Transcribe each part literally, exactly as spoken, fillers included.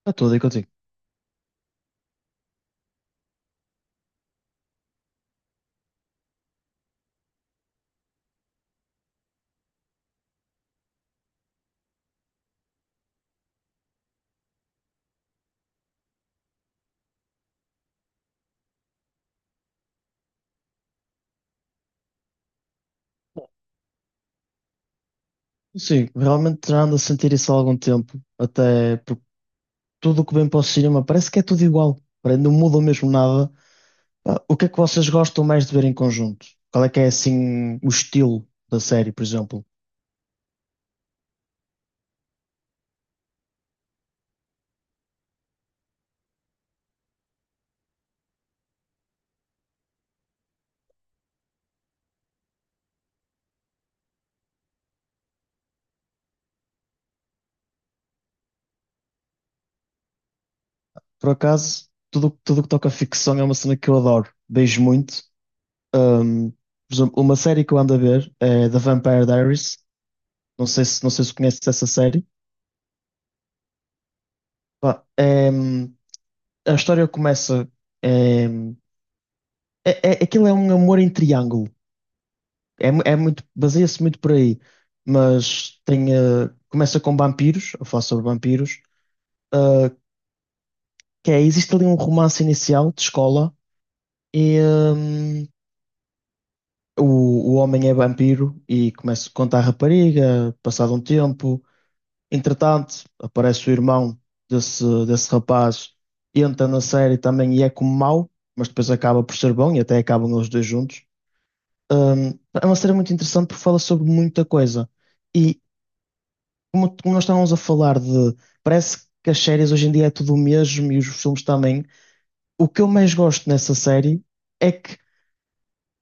Está tudo aí contigo. Sim, realmente já ando a sentir isso há algum tempo. Até porque tudo o que vem para o cinema parece que é tudo igual. Parece que não muda mesmo nada. Pá, o que é que vocês gostam mais de ver em conjunto? Qual é que é assim o estilo da série, por exemplo? Por acaso, tudo tudo o que toca a ficção é uma cena que eu adoro. Beijo muito. Ahm, por exemplo, uma série que eu ando a ver é The Vampire Diaries. Não sei se, não sei se conheces essa série. Pá, é, hum, a história começa. é, hum, É, é, aquilo é um amor em triângulo. É, mu- é muito, baseia-se muito por aí. Mas tem, eh, começa com vampiros, a falar sobre vampiros, eh, que é, existe ali um romance inicial de escola e hum, o, o homem é vampiro e começa a contar a rapariga, passado um tempo. Entretanto, aparece o irmão desse, desse rapaz, entra na série também e é como mau, mas depois acaba por ser bom e até acabam os dois juntos. Um, É uma série muito interessante porque fala sobre muita coisa. E como, como nós estávamos a falar de, parece que as séries hoje em dia é tudo o mesmo e os filmes também. O que eu mais gosto nessa série é que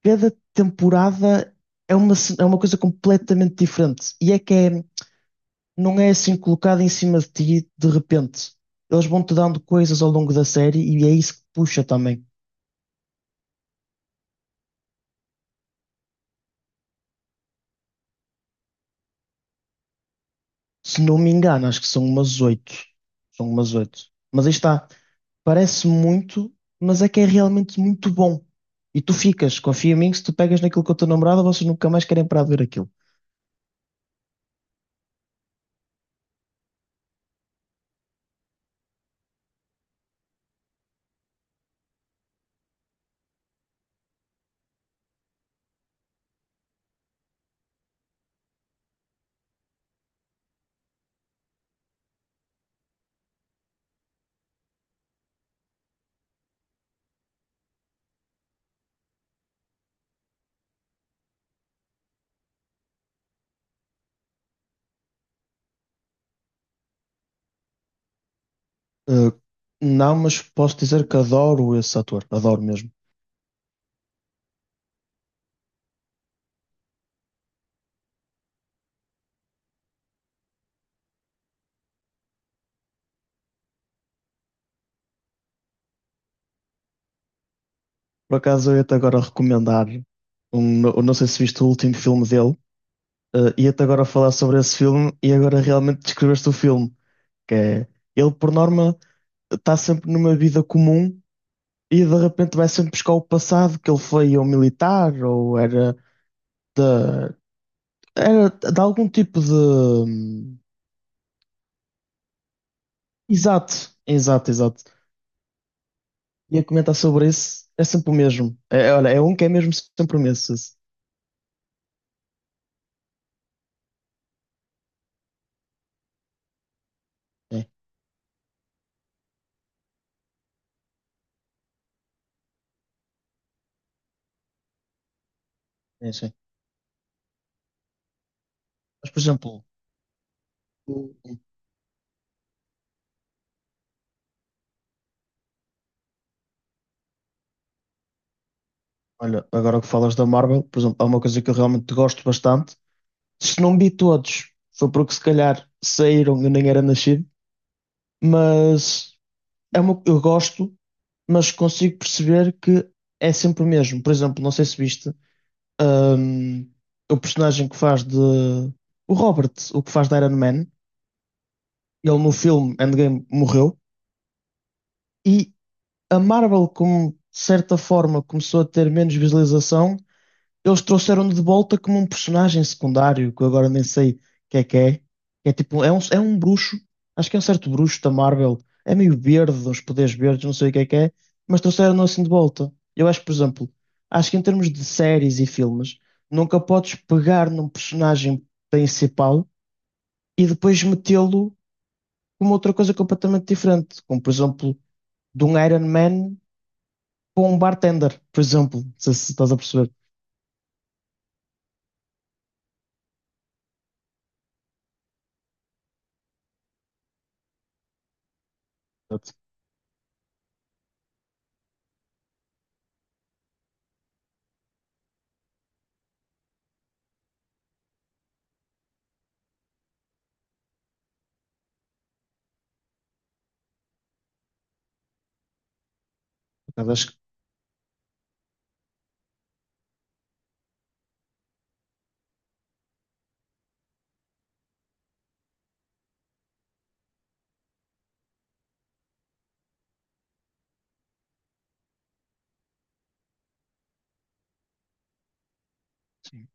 cada temporada é uma, ce- é uma coisa completamente diferente. E é que é- não é assim colocada em cima de ti de repente. Eles vão-te dando coisas ao longo da série e é isso que puxa também. Se não me engano, acho que são umas oito. São umas oito. Mas aí está. Parece muito, mas é que é realmente muito bom. E tu ficas, confia em mim, que se tu pegas naquilo com a tua namorada, vocês nunca mais querem parar de ver aquilo. Uh, não, mas posso dizer que adoro esse ator, adoro mesmo. Por acaso eu ia-te agora recomendar, um, no- não sei se viste o último filme dele, uh, ia-te agora falar sobre esse filme e agora realmente descreveste o filme, que é, ele por norma está sempre numa vida comum e de repente vai sempre buscar o passado, que ele foi ou militar ou era era de algum tipo de. hum, Exato, exato, exato. Ia comentar sobre isso, é sempre o mesmo. É, é, olha, é um que é mesmo sempre o mesmo esse. É, é, sim. Mas, por exemplo, o- olha, agora que falas da Marvel, por exemplo, há uma coisa que eu realmente gosto bastante. Se não vi todos, foi porque se calhar saíram e eu nem era nascido, mas é uma, eu gosto, mas consigo perceber que é sempre o mesmo. Por exemplo, não sei se viste. Um, o personagem que faz de. O Robert, o que faz de Iron Man, ele no filme Endgame morreu. E a Marvel, como de certa forma, começou a ter menos visualização. Eles trouxeram-no de volta como um personagem secundário, que eu agora nem sei que é que é. Que É tipo, é um, é um bruxo, acho que é um certo bruxo da Marvel. É meio verde, uns poderes verdes, não sei o que é que é, mas trouxeram-no assim de volta. Eu acho, que, por exemplo, acho que em termos de séries e filmes, nunca podes pegar num personagem principal e depois metê-lo como outra coisa completamente diferente. Como, por exemplo, de um Iron Man para um bartender, por exemplo. Não sei se estás a perceber. Portanto, por acaso, acho que sim.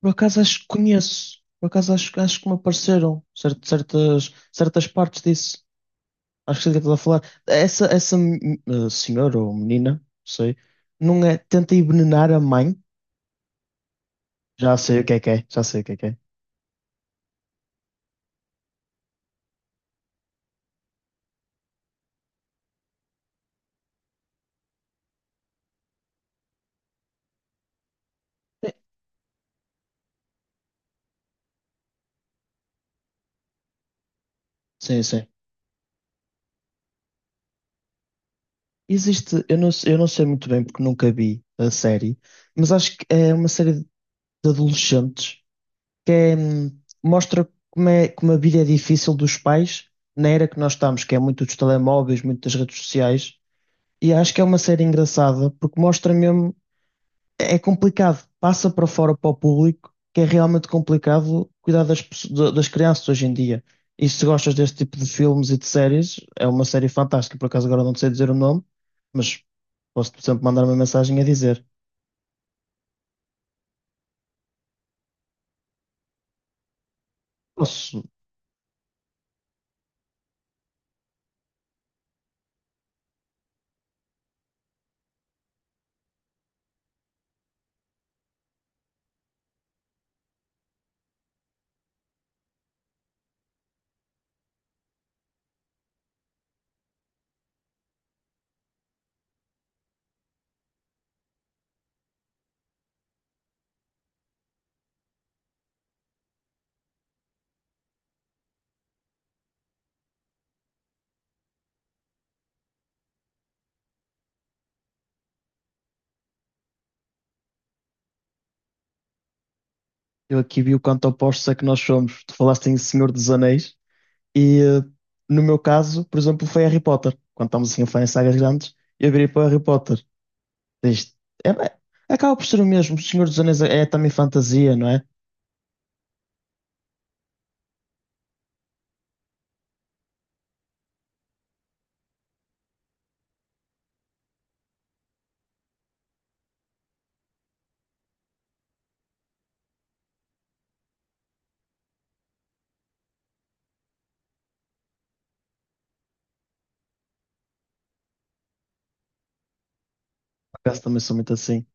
Por acaso acho que conheço. Por acaso acho, acho que me apareceram cer- certas, certas partes disso. Acho que sei do que estás a falar. Essa, essa hum, eh, senhora ou menina, não sei, não é, tenta envenenar a mãe. Já sei o que é que é, já sei o que é que é. Sim, sim. Existe, eu não, sei- eu não sei muito bem porque nunca vi a série, mas acho que é uma série de adolescentes que é, hum, mostra como é, como a vida é difícil dos pais na era que nós estamos, que é muito dos telemóveis, muito das redes sociais. E acho que é uma série engraçada porque mostra mesmo. É é complicado, passa para fora para o público que é realmente complicado cuidar das, pesso- da- das crianças hoje em dia. E se gostas deste tipo de filmes e de séries, é uma série fantástica. Por acaso agora não te sei dizer o nome, mas posso, por exemplo, mandar uma mensagem a dizer: posso, eu aqui vi o quanto opostos é que nós somos. Tu falaste em Senhor dos Anéis, e eh, no meu caso, por exemplo, foi Harry Potter. Quando estamos assim a falar em sagas grandes, eu virei para o Harry Potter. Diz, é, bem, acaba por ser o mesmo. O Senhor dos Anéis é, é também fantasia, não é? Por acaso também sou muito assim.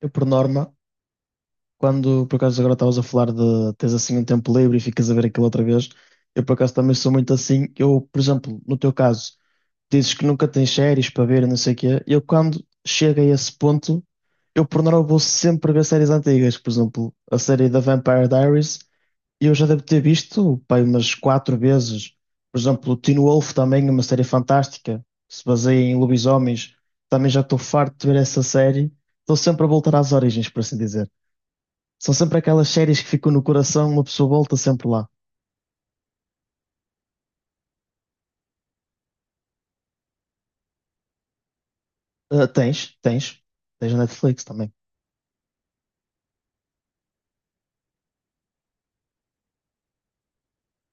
Eu, por norma, quando por acaso agora estavas a falar de tens assim um tempo livre e ficas a ver aquilo outra vez, eu por acaso também sou muito assim. Eu, por exemplo, no teu caso, dizes que nunca tens séries para ver e não sei o quê. Eu, quando chego a esse ponto, eu por norma vou sempre ver séries antigas. Por exemplo, a série da Vampire Diaries. Eu já devo ter visto, pai, umas quatro vezes. Por exemplo, o Teen Wolf também, uma série fantástica, que se baseia em lobisomens. Também já estou farto de ver essa série. Estou sempre a voltar às origens, por assim dizer. São sempre aquelas séries que ficam no coração, uma pessoa volta sempre lá. Ah, tens, tens. Tens na Netflix também.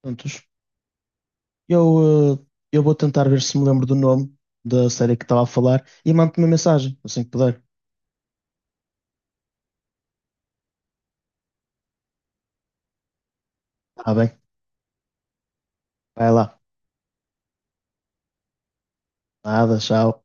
Juntos. Eu, ah, eu vou tentar ver se me lembro do nome da série que estava a falar e mando-te uma mensagem, assim que puder. Está bem? Vai lá. Nada, tchau.